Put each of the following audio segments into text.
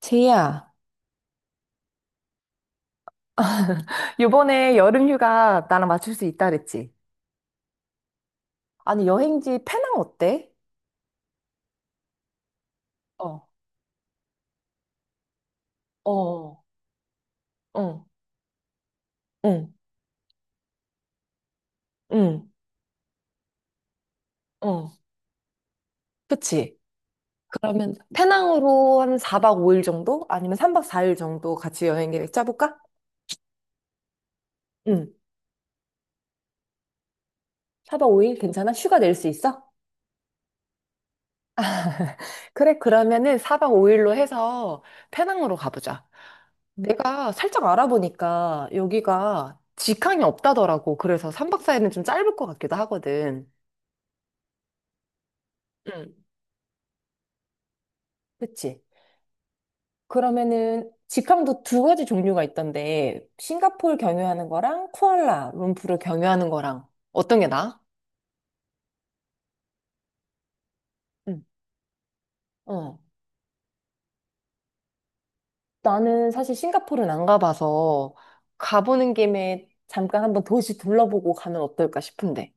제이야, 요번에 여름휴가 나랑 맞출 수 있다 그랬지? 아니 여행지 페낭 어때? 어, 어, 응, 응, 응, 어. 그치? 그러면 페낭으로 한 4박 5일 정도? 아니면 3박 4일 정도 같이 여행 계획 짜볼까? 응. 4박 5일 괜찮아? 휴가 낼 수 있어? 그래, 그러면은 4박 5일로 해서 페낭으로 가보자. 내가 살짝 알아보니까 여기가 직항이 없다더라고. 그래서 3박 4일은 좀 짧을 것 같기도 하거든. 응, 그치. 그러면은 직항도 두 가지 종류가 있던데, 싱가포르 경유하는 거랑 쿠알라 룸푸르 경유하는 거랑. 어떤 게 나아? 응. 어. 나는 사실 싱가포르는 안 가봐서 가보는 김에 잠깐 한번 도시 둘러보고 가면 어떨까 싶은데.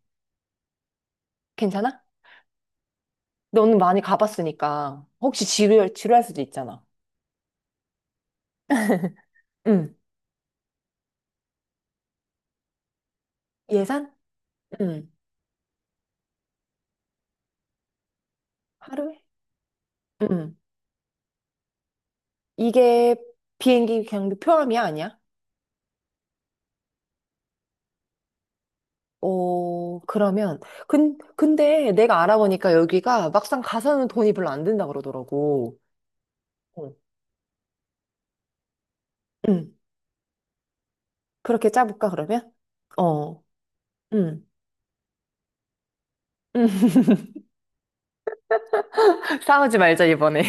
괜찮아? 너는 많이 가봤으니까. 혹시 지루할 수도 있잖아. 응. 예산? 응, 하루에? 응. 이게 비행기 경비 포함이 아니야? 어, 그러면. 근데 내가 알아보니까 여기가 막상 가서는 돈이 별로 안 든다 그러더라고. 어. 응. 그렇게 짜볼까, 그러면? 어, 응. 응. 싸우지 말자, 이번에.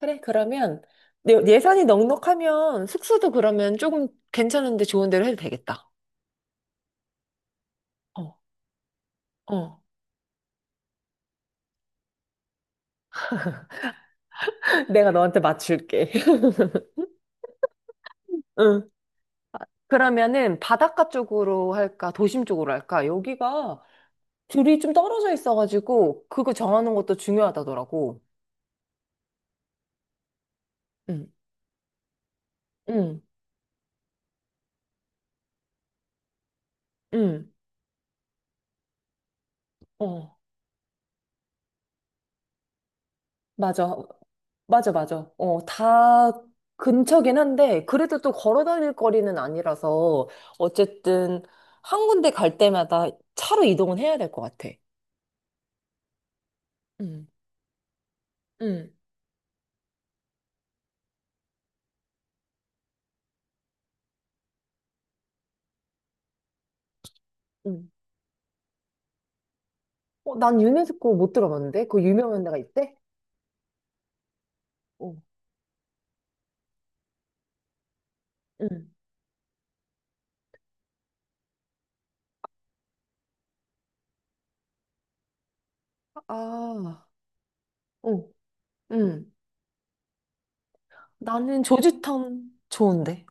그래, 그러면 예산이 넉넉하면 숙소도 그러면 조금 괜찮은데 좋은 데로 해도 되겠다. 어, 어. 내가 너한테 맞출게. 응. 그러면은 바닷가 쪽으로 할까, 도심 쪽으로 할까? 여기가 둘이 좀 떨어져 있어가지고 그거 정하는 것도 중요하다더라고. 응, 응, 응. 어, 맞아. 맞아, 맞아. 어, 다 근처긴 한데 그래도 또 걸어 다닐 거리는 아니라서 어쨌든 한 군데 갈 때마다 차로 이동은 해야 될 것 같아. 응, 응, 응. 어, 난 유네스코 못 들어봤는데? 그 유명한 데가 있대? 어, 응. 아, 어, 응. 나는 조지타운 좋은데.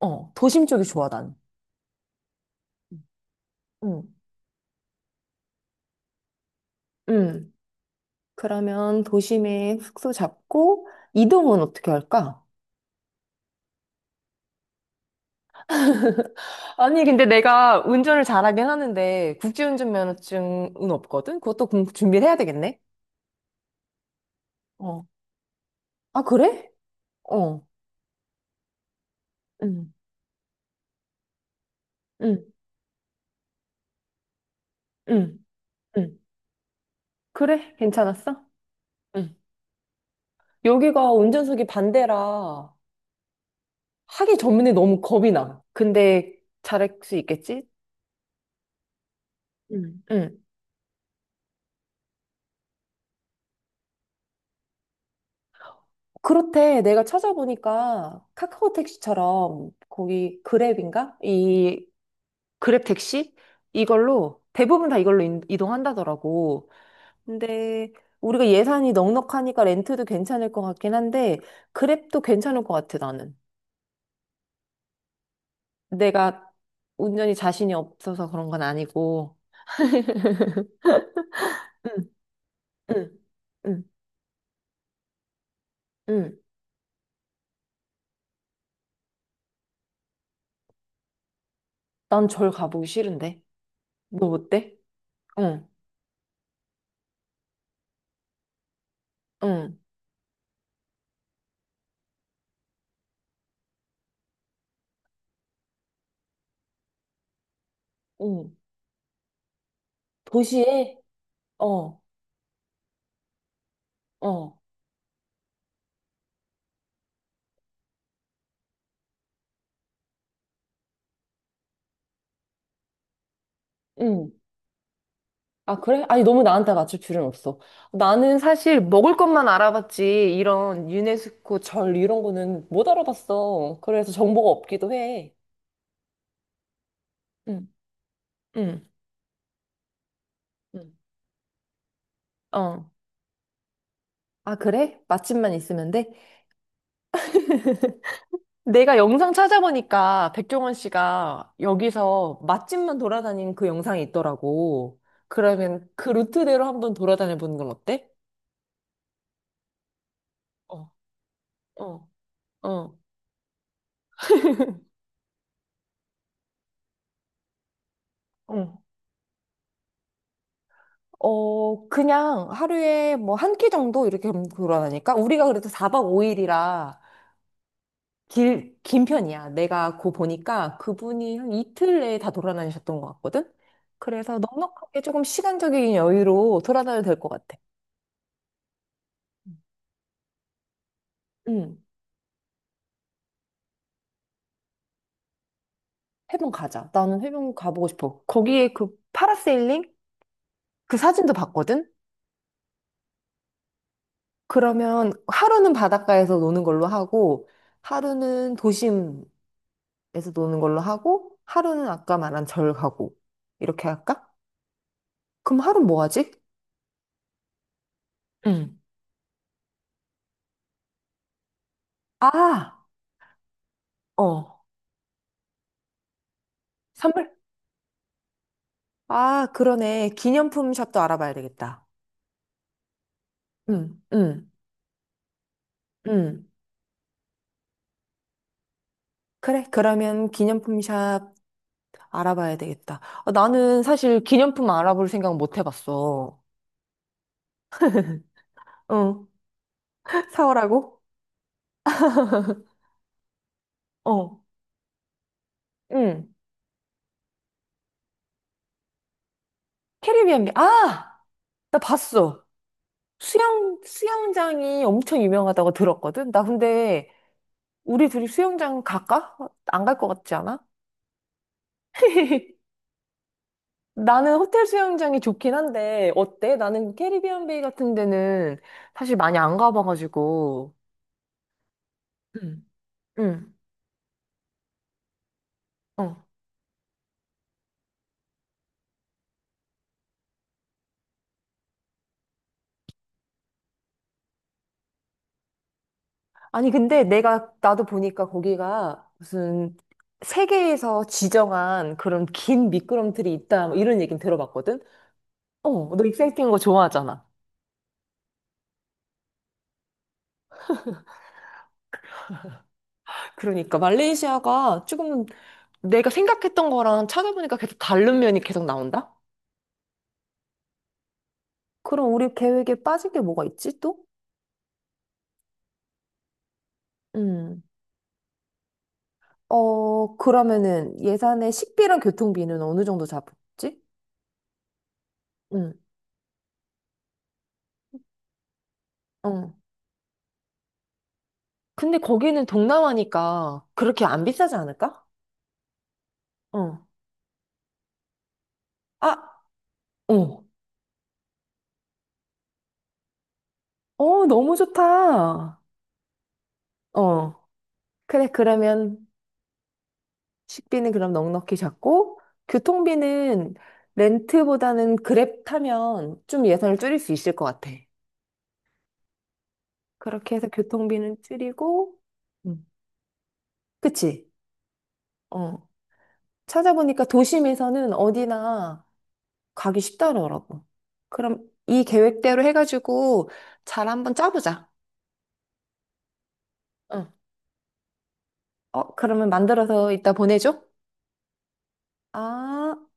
어, 도심 쪽이 좋아, 나는. 응. 응. 그러면 도심에 숙소 잡고 이동은 어떻게 할까? 아니, 근데 내가 운전을 잘하긴 하는데, 국제운전 면허증은 없거든? 그것도 준비를 해야 되겠네? 어, 아, 그래? 어, 응, 응, 응, 응. 그래? 괜찮았어? 응. 여기가 운전석이 반대라, 하기 전에 너무 겁이 나. 근데 잘할 수 있겠지? 응. 응. 그렇대. 내가 찾아보니까 카카오 택시처럼 거기 그랩인가? 이 그랩 택시? 이걸로 대부분 다 이걸로 이동한다더라고. 근데 우리가 예산이 넉넉하니까 렌트도 괜찮을 것 같긴 한데 그랩도 괜찮을 것 같아, 나는. 내가 운전이 자신이 없어서 그런 건 아니고. 응, 응, 응, 응. 난 절 가보기 싫은데. 너 어때? 응, 응, 응. 도시에? 어, 어, 응. 아, 그래? 아니, 너무 나한테 맞출 필요는 없어. 나는 사실 먹을 것만 알아봤지, 이런 유네스코 절 이런 거는 못 알아봤어. 그래서 정보가 없기도 해. 응, 응, 응. 어. 아, 그래? 맛집만 있으면 돼? 내가 영상 찾아보니까 백종원 씨가 여기서 맛집만 돌아다닌 그 영상이 있더라고. 그러면 그 루트대로 한번 돌아다녀 보는 건 어때? 어, 어, 어. 어. 어, 그냥 하루에 뭐 한 끼 정도 이렇게 돌아다니까? 우리가 그래도 4박 5일이라 긴 편이야. 내가 그 보니까 그분이 한 이틀 내에 다 돌아다니셨던 것 같거든? 그래서 넉넉하게 조금 시간적인 여유로 돌아다녀도 될 것 같아. 응, 해변 가자. 나는 해변 가보고 싶어. 거기에 그 파라세일링? 그 사진도 봤거든? 그러면 하루는 바닷가에서 노는 걸로 하고, 하루는 도심 에서 노는 걸로 하고 하루는 아까 말한 절 가고 이렇게 할까? 그럼 하루 뭐 하지? 응. 아, 어. 선물? 아, 그러네. 기념품 샵도 알아봐야 되겠다. 응, 응, 응. 그래, 그러면 기념품 샵 알아봐야 되겠다. 아, 나는 사실 기념품 알아볼 생각 못 해봤어. 응, 사오라고? 어. 응. 아! 나 봤어. 수영장이 엄청 유명하다고 들었거든? 나 근데 우리 둘이 수영장 갈까? 안 갈 것 같지 않아? 나는 호텔 수영장이 좋긴 한데, 어때? 나는 캐리비안 베이 같은 데는 사실 많이 안 가봐가지고. 응. 응. 어. 아니, 근데 나도 보니까 거기가 무슨 세계에서 지정한 그런 긴 미끄럼틀이 있다, 뭐 이런 얘기는 들어봤거든? 어, 너 익사이팅한 거 좋아하잖아. 그러니까 말레이시아가 조금 내가 생각했던 거랑 찾아보니까 계속 다른 면이 계속 나온다? 그럼 우리 계획에 빠진 게 뭐가 있지 또? 음, 어, 그러면은 예산에 식비랑 교통비는 어느 정도 잡았지? 응. 응. 근데 거기는 동남아니까 그렇게 안 비싸지 않을까? 어, 아, 어, 어, 너무 좋다. 어. 그래, 그러면 식비는 그럼 넉넉히 잡고, 교통비는 렌트보다는 그랩 타면 좀 예산을 줄일 수 있을 것 같아. 그렇게 해서 교통비는 줄이고, 음, 그치? 어. 찾아보니까 도심에서는 어디나 가기 쉽다더라고. 그럼 이 계획대로 해가지고 잘 한번 짜보자. 응. 어, 그러면 만들어서 이따 보내줘? 아.